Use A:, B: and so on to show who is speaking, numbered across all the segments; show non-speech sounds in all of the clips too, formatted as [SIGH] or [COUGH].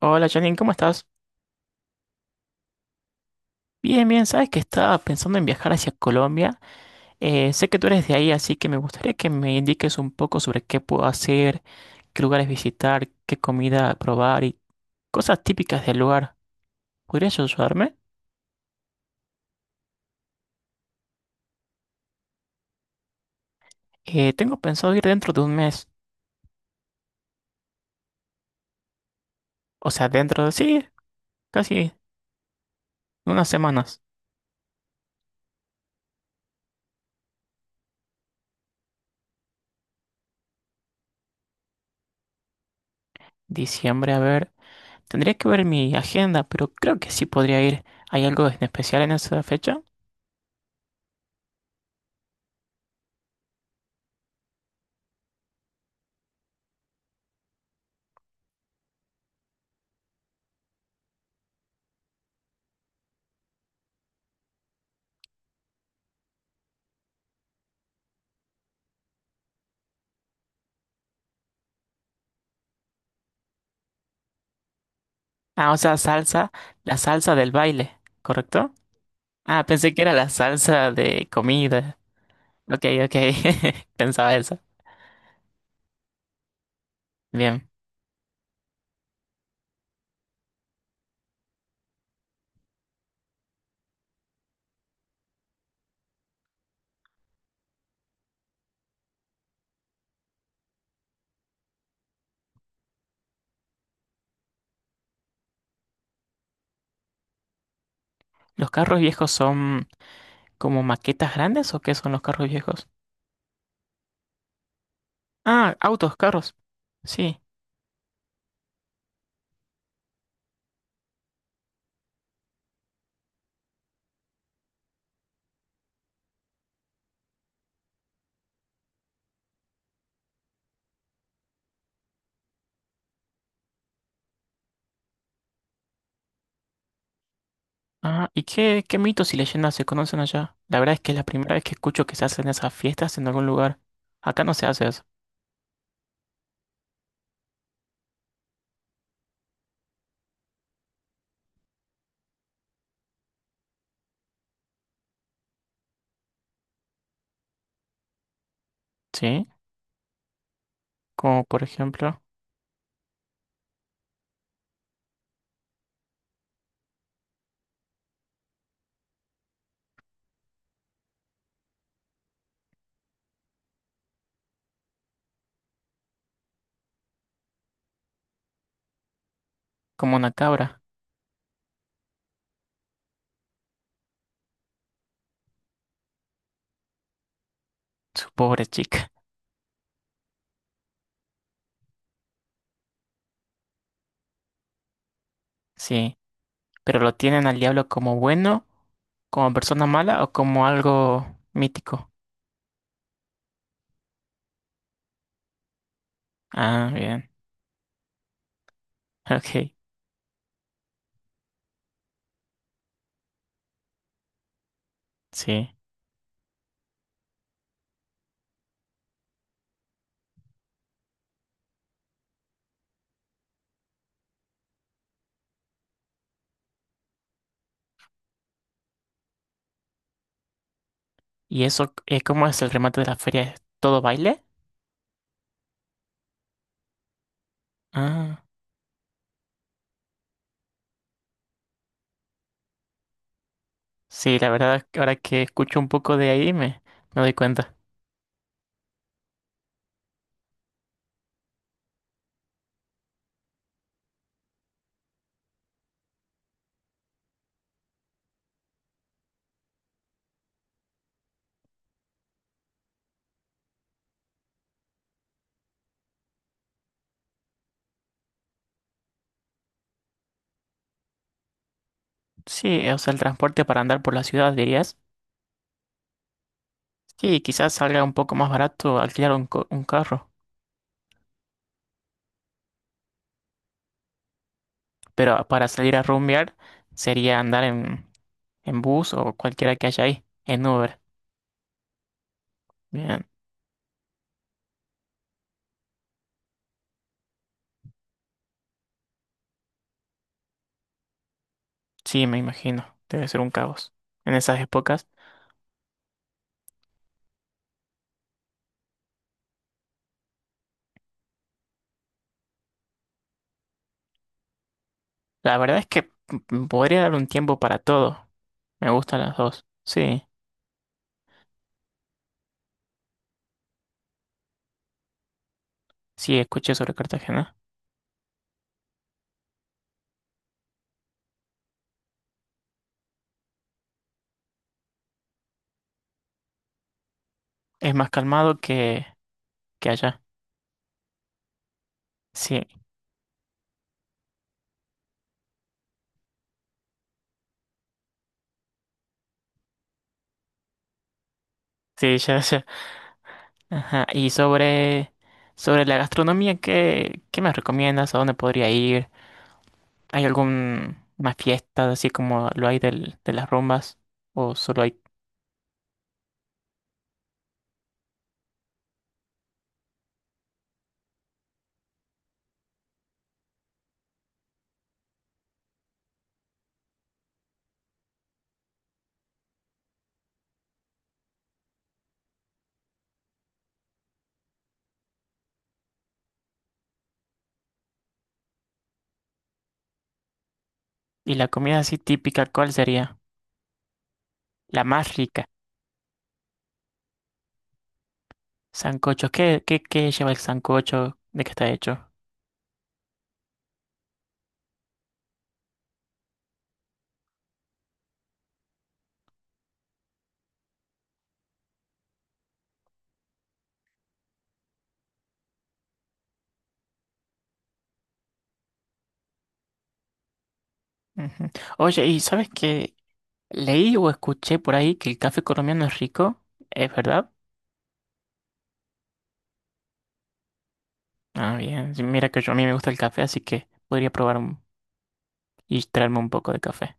A: Hola Janine, ¿cómo estás? Bien, bien, sabes que estaba pensando en viajar hacia Colombia. Sé que tú eres de ahí, así que me gustaría que me indiques un poco sobre qué puedo hacer, qué lugares visitar, qué comida probar y cosas típicas del lugar. ¿Podrías ayudarme? Tengo pensado ir dentro de un mes, o sea, dentro de sí, casi unas semanas. Diciembre, a ver, tendría que ver mi agenda, pero creo que sí podría ir. ¿Hay algo en especial en esa fecha? Ah, o sea, salsa, la salsa del baile, ¿correcto? Ah, pensé que era la salsa de comida. Ok, ok. [LAUGHS] Pensaba eso. Bien. ¿Los carros viejos son como maquetas grandes o qué son los carros viejos? Ah, autos, carros. Sí. Ah, ¿y qué mitos y leyendas se conocen allá? La verdad es que es la primera vez que escucho que se hacen esas fiestas en algún lugar. Acá no se hace eso. Sí. Como por ejemplo, como una cabra. Su pobre chica. Sí. Pero lo tienen al diablo como bueno, como persona mala o como algo mítico. Ah, bien. Ok, sí. ¿Y eso, cómo es el remate de la feria? ¿Es todo baile? Ah, sí, la verdad, es que ahora que escucho un poco de ahí me doy cuenta. Sí, o sea, el transporte para andar por la ciudad, dirías. Sí, quizás salga un poco más barato alquilar un, un carro, pero para salir a rumbear sería andar en bus o cualquiera que haya ahí, en Uber. Bien, sí, me imagino, debe ser un caos en esas épocas. La verdad es que podría dar un tiempo para todo, me gustan las dos, sí. Sí, escuché sobre Cartagena. Es más calmado que allá. Sí, sí, [LAUGHS] ya, ya. Ajá. Y sobre la gastronomía, qué me recomiendas? ¿A dónde podría ir? ¿Hay alguna fiesta así como lo hay de las rumbas? ¿O solo hay... Y la comida así típica, ¿cuál sería? La más rica. Sancocho. Qué lleva el sancocho? ¿De qué está hecho? Ujú. Oye, ¿y sabes qué? Leí o escuché por ahí que el café colombiano es rico. ¿Es verdad? Ah, bien. Sí, mira que yo a mí me gusta el café, así que podría probar un- y traerme un poco de café.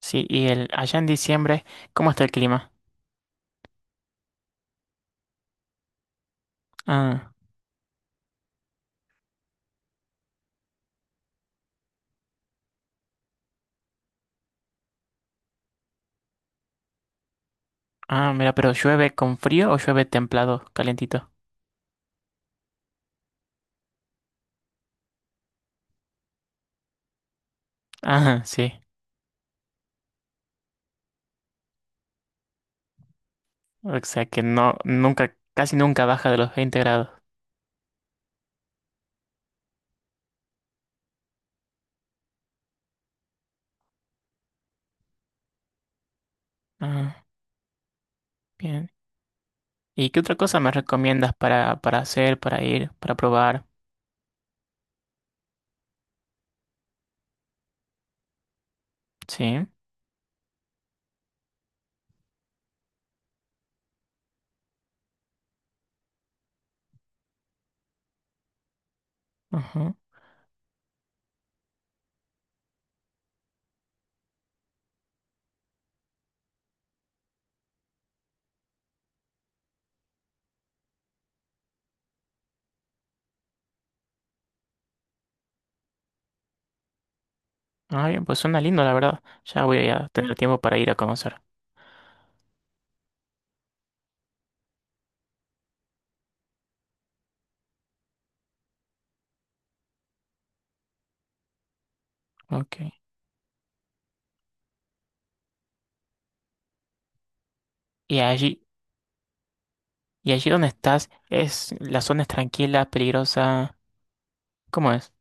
A: Sí, y el allá en diciembre, ¿cómo está el clima? Ah, ah, mira, pero llueve con frío o llueve templado, calentito. Ah, [LAUGHS] sí. O sea que no, nunca, casi nunca baja de los 20 grados. Ah, bien. ¿Y qué otra cosa me recomiendas para hacer, para ir, para probar? Sí. Ajá. Ah, bien, pues suena lindo, la verdad. Ya voy a tener tiempo para ir a conocer. Ok. Y allí, y allí donde estás, es la zona es tranquila, peligrosa. ¿Cómo es?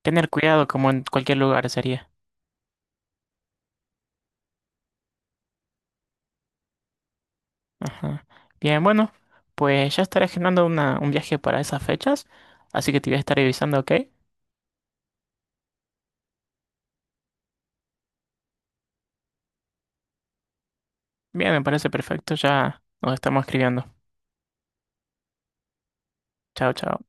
A: Tener cuidado como en cualquier lugar sería. Ajá. Bien, bueno, pues ya estaré generando una, un viaje para esas fechas, así que te voy a estar avisando, ¿ok? Bien, me parece perfecto, ya nos estamos escribiendo. Chao, chao.